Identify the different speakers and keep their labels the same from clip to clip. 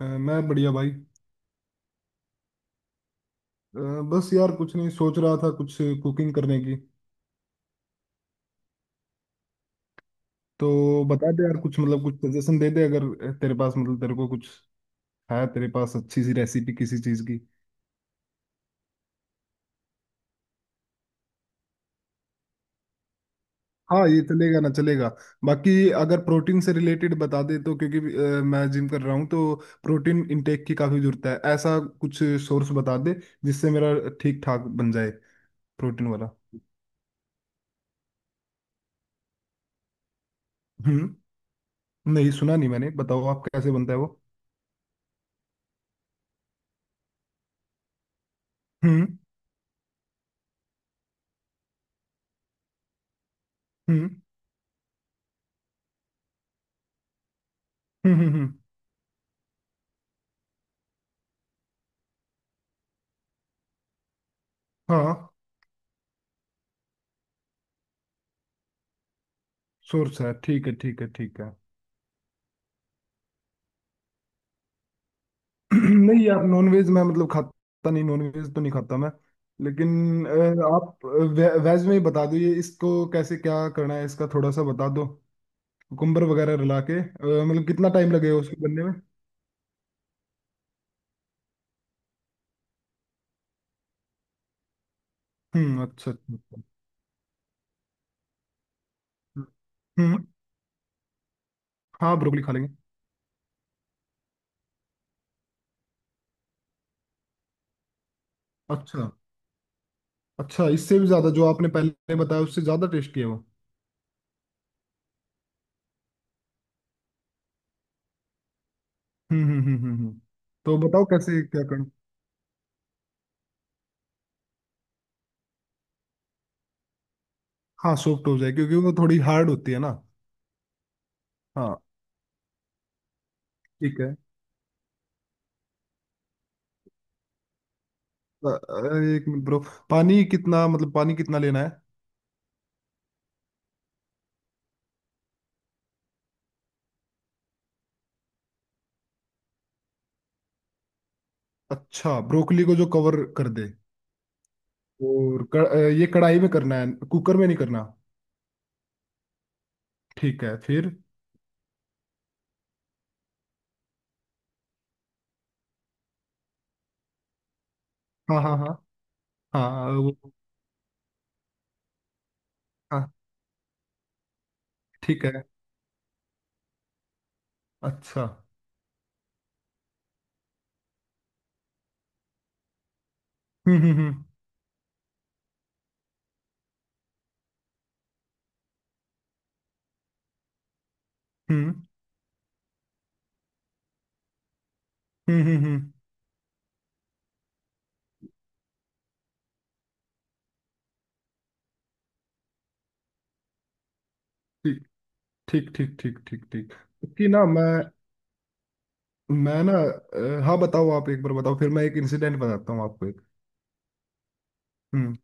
Speaker 1: मैं बढ़िया भाई। बस यार कुछ नहीं सोच रहा था, कुछ कुकिंग करने की। तो बता दे यार कुछ, मतलब कुछ सजेशन दे दे अगर, तेरे पास, मतलब तेरे को कुछ है तेरे पास, अच्छी सी रेसिपी किसी चीज की। हाँ ये चलेगा ना चलेगा बाकी। अगर प्रोटीन से रिलेटेड बता दे तो, क्योंकि मैं जिम कर रहा हूँ, तो प्रोटीन इनटेक की काफी जरूरत है। ऐसा कुछ सोर्स बता दे जिससे मेरा ठीक ठाक बन जाए, प्रोटीन वाला। हम्म। नहीं सुना नहीं मैंने, बताओ आप कैसे बनता है वो। हम्म, हम्म, हम्म, हम्म, हाँ सोर्स है। ठीक है, ठीक है, ठीक है। नहीं यार, नॉनवेज मैं मतलब खाता नहीं, नॉनवेज तो नहीं खाता मैं। लेकिन अ, आप वेज में ही बता दो, ये इसको कैसे क्या करना है, इसका थोड़ा सा बता दो। कुकुम्बर वगैरह रला के, मतलब कितना टाइम लगेगा उसको बनने में। हम्म, अच्छा अच्छा। अच्छा। हम्म। हाँ, ब्रोकली खा लेंगे। अच्छा। अच्छा, इससे भी ज्यादा? जो आपने पहले बताया उससे ज्यादा टेस्टी है वो? हम्म, हम्म, हम्म, हम्म, तो बताओ कैसे क्या करना। हाँ, सॉफ्ट हो जाए क्योंकि वो थोड़ी हार्ड होती है ना। हाँ, ठीक है। अ- अरे एक मिनट ब्रो, पानी कितना, मतलब पानी कितना लेना है। अच्छा, ब्रोकली को जो कवर कर दे। और ये कढ़ाई में करना है, कुकर में नहीं करना। ठीक है फिर। हाँ हाँ हाँ हाँ, वो हाँ। ठीक है, अच्छा। हम्म, हम्म, हम्म, हम्म, हम्म, हम्म, ठीक ठीक ठीक ठीक ठीक ठीक। कि ना मैं, ना, हाँ बताओ। आप एक बार बताओ, फिर मैं एक इंसिडेंट बताता हूँ आपको एक। हम्म,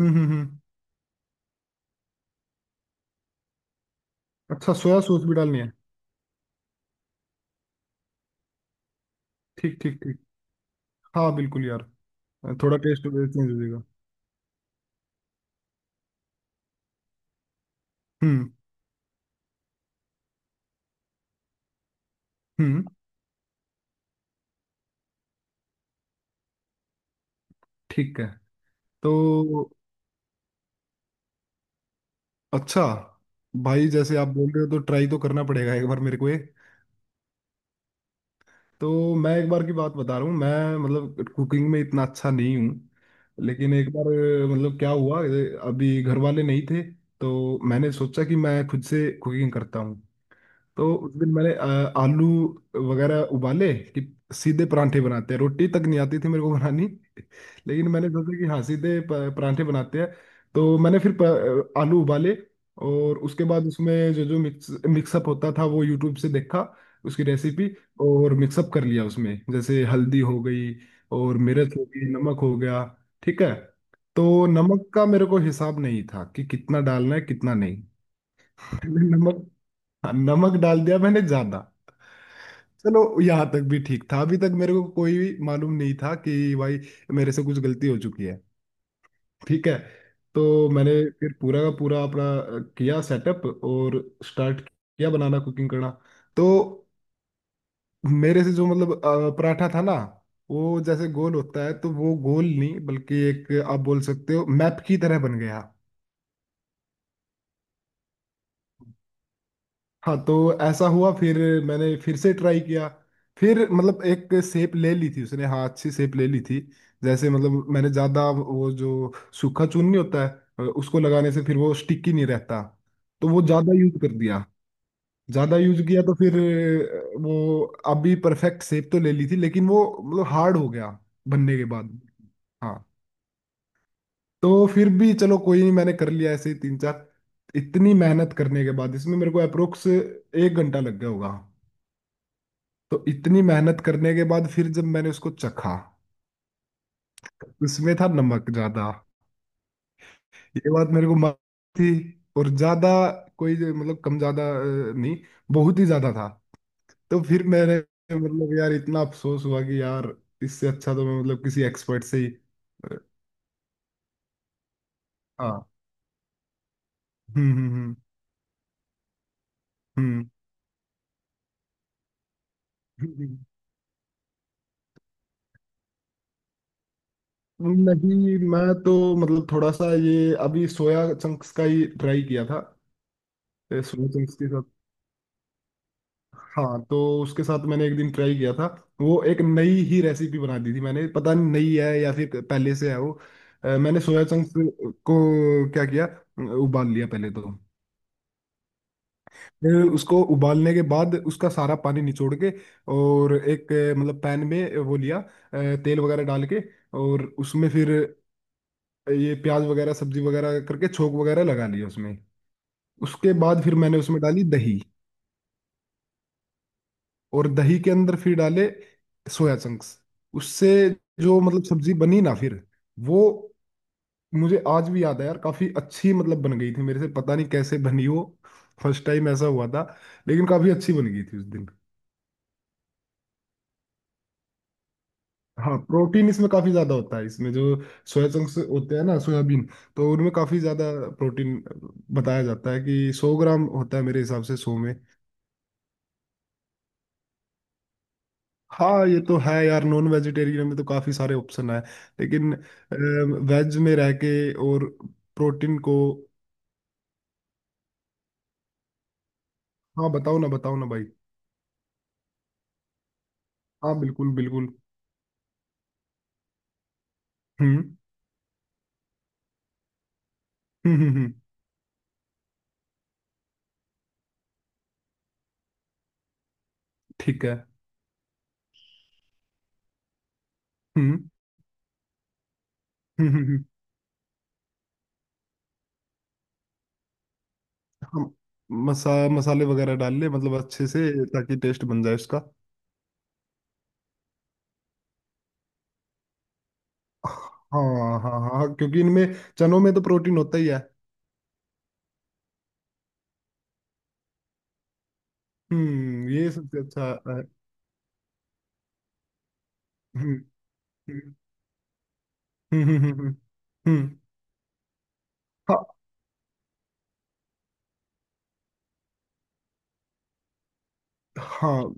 Speaker 1: हम्म, हम्म, अच्छा, सोया सॉस भी डालनी है? ठीक ठीक ठीक। हाँ बिल्कुल यार, थोड़ा टेस्ट चेंज हो जाएगा। हम्म, हम्म। ठीक है तो। अच्छा भाई, जैसे आप बोल रहे हो तो ट्राई तो करना पड़ेगा एक बार मेरे को ये। तो मैं एक बार की बात बता रहा हूँ, मैं मतलब कुकिंग में इतना अच्छा नहीं हूँ। लेकिन एक बार, मतलब क्या हुआ, अभी घर वाले नहीं थे, तो मैंने सोचा कि मैं खुद से कुकिंग करता हूँ। तो उस दिन मैंने आलू वगैरह उबाले कि सीधे परांठे बनाते हैं, रोटी तक नहीं आती थी मेरे को बनानी। लेकिन मैंने सोचा कि हाँ सीधे परांठे बनाते हैं। तो मैंने फिर आलू उबाले। और उसके बाद उसमें जो जो मिक्सअप होता था, वो यूट्यूब से देखा, उसकी रेसिपी। और मिक्सअप कर लिया उसमें, जैसे हल्दी हो गई, और मिर्च हो गई, नमक हो गया, ठीक है। तो नमक का मेरे को हिसाब नहीं था कि कितना डालना है कितना नहीं। मैंने नमक हाँ, नमक डाल दिया मैंने ज्यादा। चलो, यहाँ तक भी ठीक था, अभी तक मेरे को कोई भी मालूम नहीं था कि भाई मेरे से कुछ गलती हो चुकी है, ठीक है। तो मैंने फिर पूरा का पूरा अपना किया सेटअप, और स्टार्ट किया बनाना, कुकिंग करना। तो मेरे से जो, मतलब पराठा था ना, वो जैसे गोल होता है, तो वो गोल नहीं, बल्कि एक आप बोल सकते हो मैप की तरह बन गया। हाँ, तो ऐसा हुआ। फिर मैंने फिर से ट्राई किया, फिर मतलब एक शेप ले ली थी उसने, हाँ अच्छी शेप ले ली थी। जैसे मतलब मैंने ज़्यादा वो जो सूखा चून नहीं होता है, उसको लगाने से फिर वो स्टिकी नहीं रहता, तो वो ज़्यादा यूज कर दिया। ज़्यादा यूज किया तो फिर वो अभी परफेक्ट शेप तो ले ली थी, लेकिन वो मतलब हार्ड हो गया बनने के बाद। हाँ, तो फिर भी चलो कोई नहीं, मैंने कर लिया ऐसे ही तीन चार। इतनी मेहनत करने के बाद, इसमें मेरे को अप्रोक्स एक घंटा लग गया होगा। तो इतनी मेहनत करने के बाद फिर जब मैंने उसको चखा, तो उसमें था नमक ज्यादा। ये बात मेरे को मालूम थी, और ज्यादा कोई मतलब कम ज्यादा नहीं, बहुत ही ज्यादा था। तो फिर मैंने, मतलब यार इतना अफसोस हुआ कि यार, इससे अच्छा तो मैं मतलब किसी एक्सपर्ट से ही। अ, हाँ, हम्म, हम्म, हम्म, हम्म, नहीं, मैं तो मतलब थोड़ा सा ये अभी सोया चंक्स का ही ट्राई किया था। सोया चंक्स के साथ, हाँ। तो उसके साथ मैंने एक दिन ट्राई किया था, वो एक नई ही रेसिपी बना दी थी मैंने, पता नहीं नई है या फिर पहले से है वो। मैंने सोया चंक्स को क्या किया, उबाल लिया पहले तो। फिर उसको उबालने के बाद उसका सारा पानी निचोड़ के, और एक मतलब पैन में वो लिया, तेल वगैरह डाल के, और उसमें फिर ये प्याज वगैरह सब्जी वगैरह करके छोंक वगैरह लगा लिया उसमें। उसके बाद फिर मैंने उसमें डाली दही, और दही के अंदर फिर डाले सोया चंक्स। उससे जो मतलब सब्जी बनी ना फिर, वो मुझे आज भी याद है यार, काफी अच्छी मतलब बन गई थी मेरे से, पता नहीं कैसे बनी वो। फर्स्ट टाइम ऐसा हुआ था, लेकिन काफी अच्छी बन गई थी उस दिन। हाँ, प्रोटीन इसमें काफी ज्यादा होता है, इसमें जो सोया चंक्स होते हैं ना, सोयाबीन, तो उनमें काफी ज्यादा प्रोटीन बताया जाता है, कि 100 ग्राम होता है, मेरे हिसाब से 100 में। हाँ ये तो है यार, नॉन वेजिटेरियन में तो काफी सारे ऑप्शन है। लेकिन वेज में रह के और प्रोटीन को। हाँ बताओ ना, बताओ ना भाई। हाँ बिल्कुल बिल्कुल। हम्म, हम्म, हम्म, ठीक है। हम्म, हम्म, हम्म, हम। मसा मसाले वगैरह डाल ले मतलब अच्छे से, ताकि टेस्ट बन जाए उसका। हाँ हाँ हाँ, क्योंकि इनमें, चनों में तो प्रोटीन होता ही है। हम्म, ये सबसे अच्छा है। हम्म, हम्म, हम्म, हम्म, हम्म, हाँ हाँ।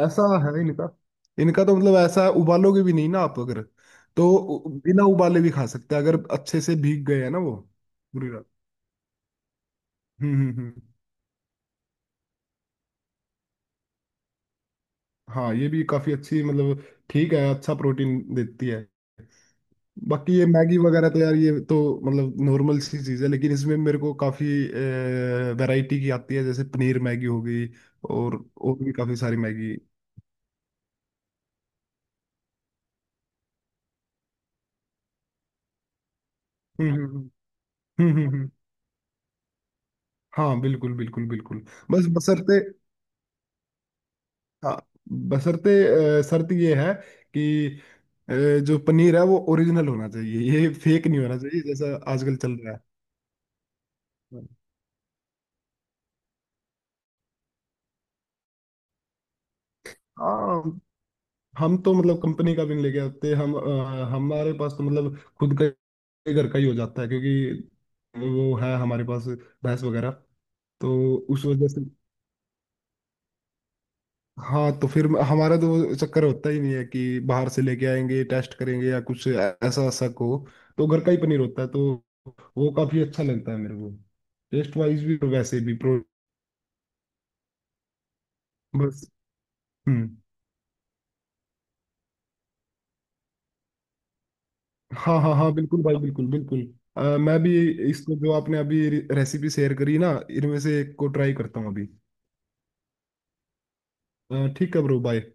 Speaker 1: ऐसा है नहीं लिखा। इनका तो मतलब ऐसा है, उबालोगे भी नहीं ना आप अगर, तो बिना उबाले भी खा सकते हैं अगर अच्छे से भीग गए हैं ना वो, पूरी रात। हम्म, हम्म, हम्म। हाँ, ये भी काफी अच्छी मतलब, ठीक है, अच्छा प्रोटीन देती है। बाकी ये मैगी वगैरह तो यार, ये तो मतलब नॉर्मल सी चीज़ है, लेकिन इसमें मेरे को काफ़ी वैरायटी की आती है, जैसे पनीर मैगी हो गई, और भी काफ़ी सारी मैगी। हम्म, हम्म, हम्म, हम्म, हाँ बिल्कुल बिल्कुल बिल्कुल। बस बसरते हाँ बशर्ते, शर्त ये है कि अ, जो पनीर है वो ओरिजिनल होना चाहिए, ये फेक नहीं होना चाहिए, जैसा आजकल चल रहा है। हाँ, हम तो मतलब कंपनी का भी नहीं लेके आते हम, हमारे पास तो मतलब घर का ही हो जाता है, क्योंकि वो है हमारे पास, भैंस वगैरह। तो उस वजह से, हाँ तो फिर हमारा तो वो चक्कर होता ही नहीं है कि बाहर से लेके आएंगे, टेस्ट करेंगे या कुछ ऐसा ऐसा को। तो घर का ही पनीर होता है, तो वो काफी अच्छा लगता है मेरे को, टेस्ट वाइज भी और वैसे भी प्रो बस। हम्म। हाँ हाँ हाँ बिल्कुल भाई, बिल्कुल बिल्कुल। मैं भी इसको, जो आपने अभी रेसिपी शेयर करी ना, इनमें से एक को ट्राई करता हूँ अभी। ठीक है ब्रो, बाय।